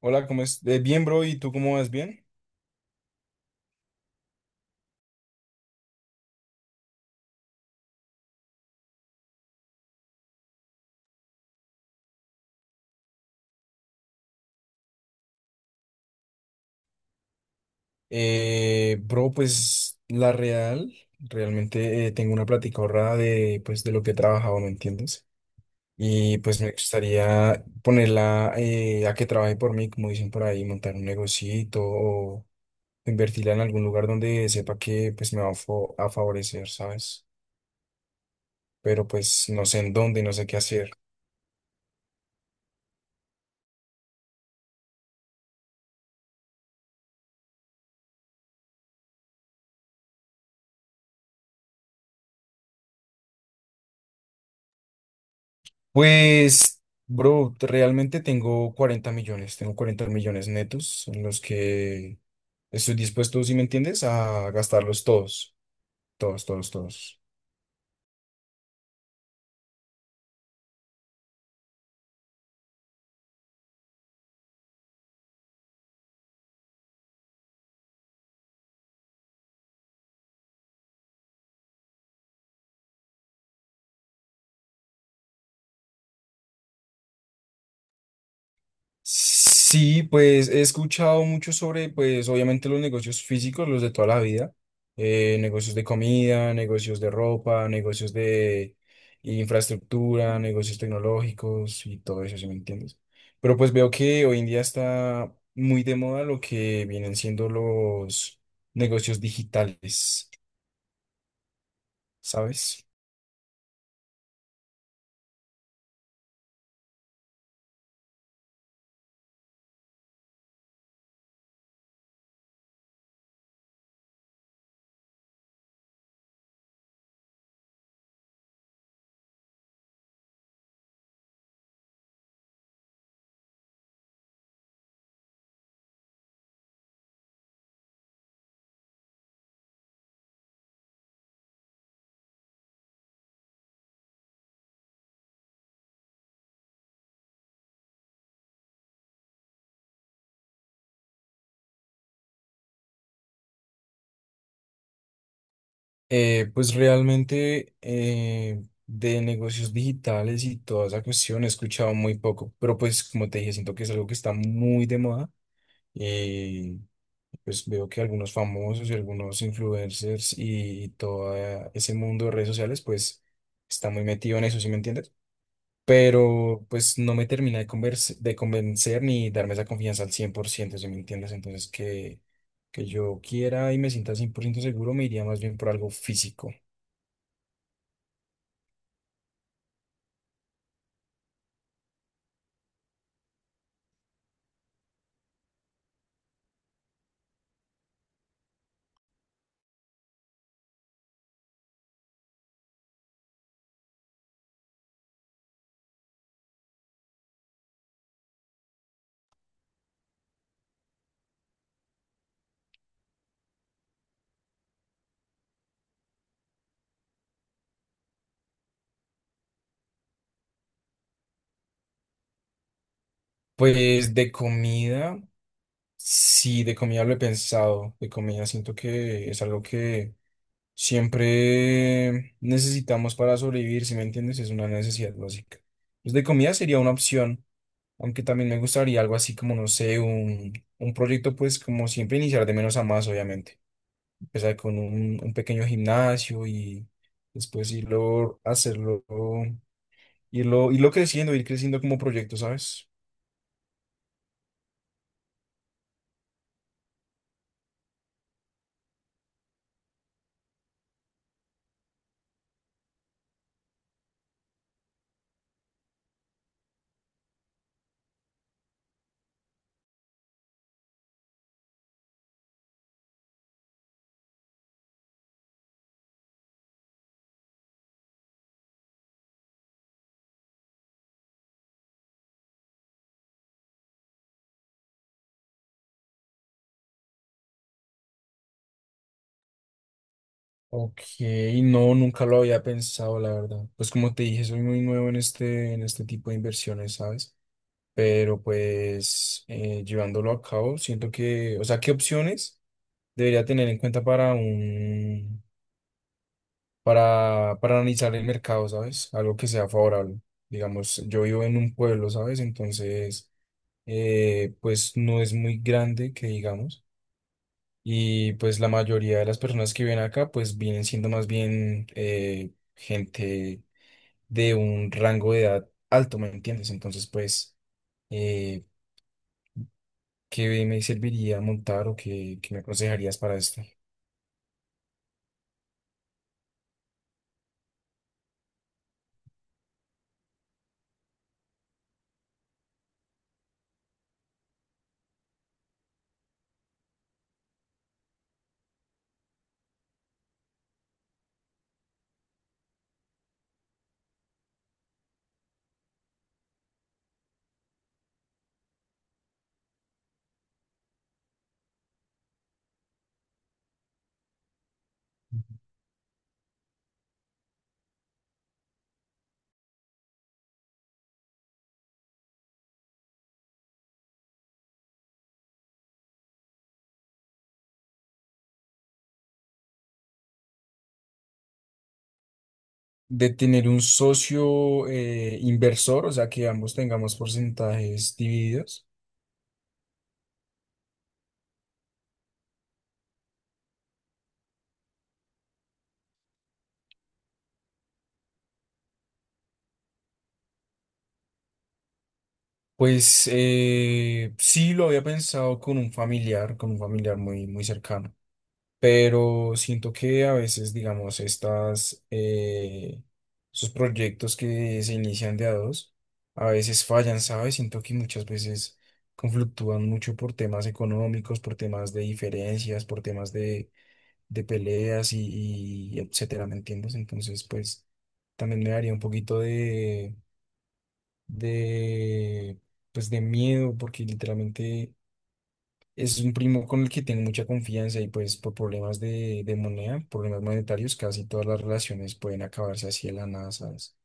Hola, ¿cómo es? Bien, bro, ¿y tú cómo vas? ¿Bien? Bro, realmente tengo una plática ahorrada de lo que he trabajado, ¿me entiendes? Y pues me gustaría ponerla a que trabaje por mí, como dicen por ahí, montar un negocito o invertirla en algún lugar donde sepa que pues me va a a favorecer, ¿sabes? Pero pues no sé en dónde, no sé qué hacer. Pues, bro, realmente tengo 40 millones, tengo 40 millones netos en los que estoy dispuesto, si me entiendes, a gastarlos todos, todos, todos, todos. Sí, pues he escuchado mucho sobre, pues obviamente los negocios físicos, los de toda la vida, negocios de comida, negocios de ropa, negocios de infraestructura, negocios tecnológicos y todo eso, si me entiendes. Pero pues veo que hoy en día está muy de moda lo que vienen siendo los negocios digitales, ¿sabes? Pues realmente de negocios digitales y toda esa cuestión he escuchado muy poco, pero pues como te dije, siento que es algo que está muy de moda. eh, pues veo que algunos famosos y algunos influencers y todo ese mundo de redes sociales, pues está muy metido en eso, ¿sí me entiendes? Pero pues no me termina de convencer ni darme esa confianza al 100%, ¿sí me entiendes? Que yo quiera y me sienta 100% seguro, me iría más bien por algo físico. Pues de comida, sí, de comida lo he pensado. De comida siento que es algo que siempre necesitamos para sobrevivir, si me entiendes, es una necesidad básica. Pues de comida sería una opción, aunque también me gustaría algo así como, no sé, un proyecto, pues como siempre iniciar de menos a más, obviamente. Empezar con un pequeño gimnasio y después hacerlo, irlo creciendo, ir creciendo como proyecto, ¿sabes? Ok, no, nunca lo había pensado, la verdad. Pues como te dije, soy muy nuevo en en este tipo de inversiones, ¿sabes? Pero pues llevándolo a cabo, siento que, o sea, ¿qué opciones debería tener en cuenta para analizar el mercado, ¿sabes? Algo que sea favorable. Digamos, yo vivo en un pueblo, ¿sabes? Entonces, pues no es muy grande, que digamos. Y pues la mayoría de las personas que viven acá, pues vienen siendo más bien gente de un rango de edad alto, ¿me entiendes? Entonces, pues, eh, ¿qué me serviría montar o qué, qué me aconsejarías para esto? De tener un socio inversor, o sea, que ambos tengamos porcentajes divididos. Pues sí lo había pensado con un familiar muy, muy cercano. Pero siento que a veces, digamos, esos proyectos que se inician de a dos, a veces fallan, ¿sabes? Siento que muchas veces conflictúan mucho por temas económicos, por temas de diferencias, de peleas y etcétera, ¿me entiendes? Entonces, pues, también me daría un poquito de, pues, de miedo, porque literalmente es un primo con el que tengo mucha confianza y pues por problemas de moneda, problemas monetarios, casi todas las relaciones pueden acabarse así de la nada, ¿sabes?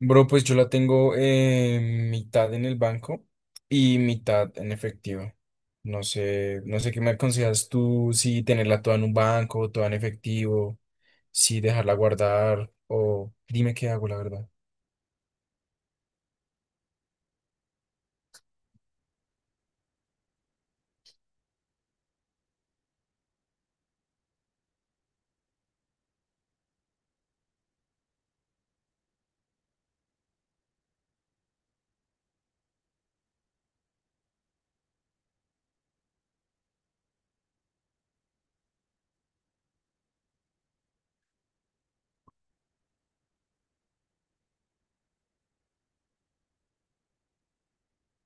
Bro, pues yo la tengo mitad en el banco y mitad en efectivo. No sé, no sé qué me aconsejas tú, si tenerla toda en un banco, toda en efectivo, si dejarla guardar o dime qué hago, la verdad.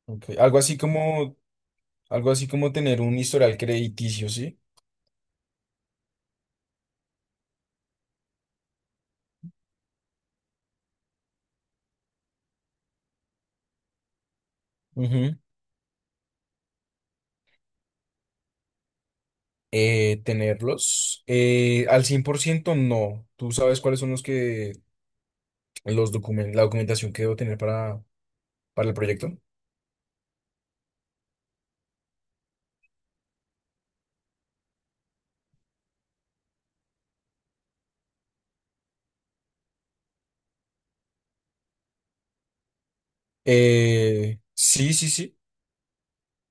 Ok, algo así como, algo así como tener un historial crediticio, ¿sí? Eh, tenerlos. Al 100% no. ¿Tú sabes cuáles son los que la documentación que debo tener para el proyecto? Sí, sí, sí,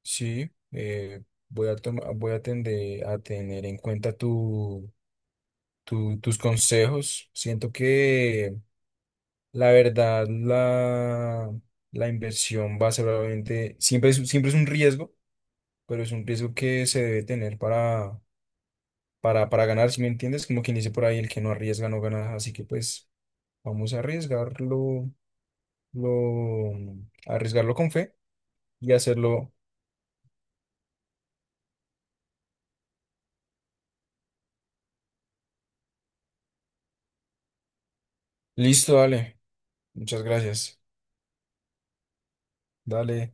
sí. Voy a tender a tener en cuenta tus consejos. Siento que la verdad, la inversión va a ser obviamente, siempre es un riesgo, pero es un riesgo que se debe tener para ganar, si me entiendes, como quien dice por ahí, el que no arriesga no gana, así que pues vamos a arriesgarlo, lo, a arriesgarlo con fe y hacerlo. Listo, dale, muchas gracias, dale.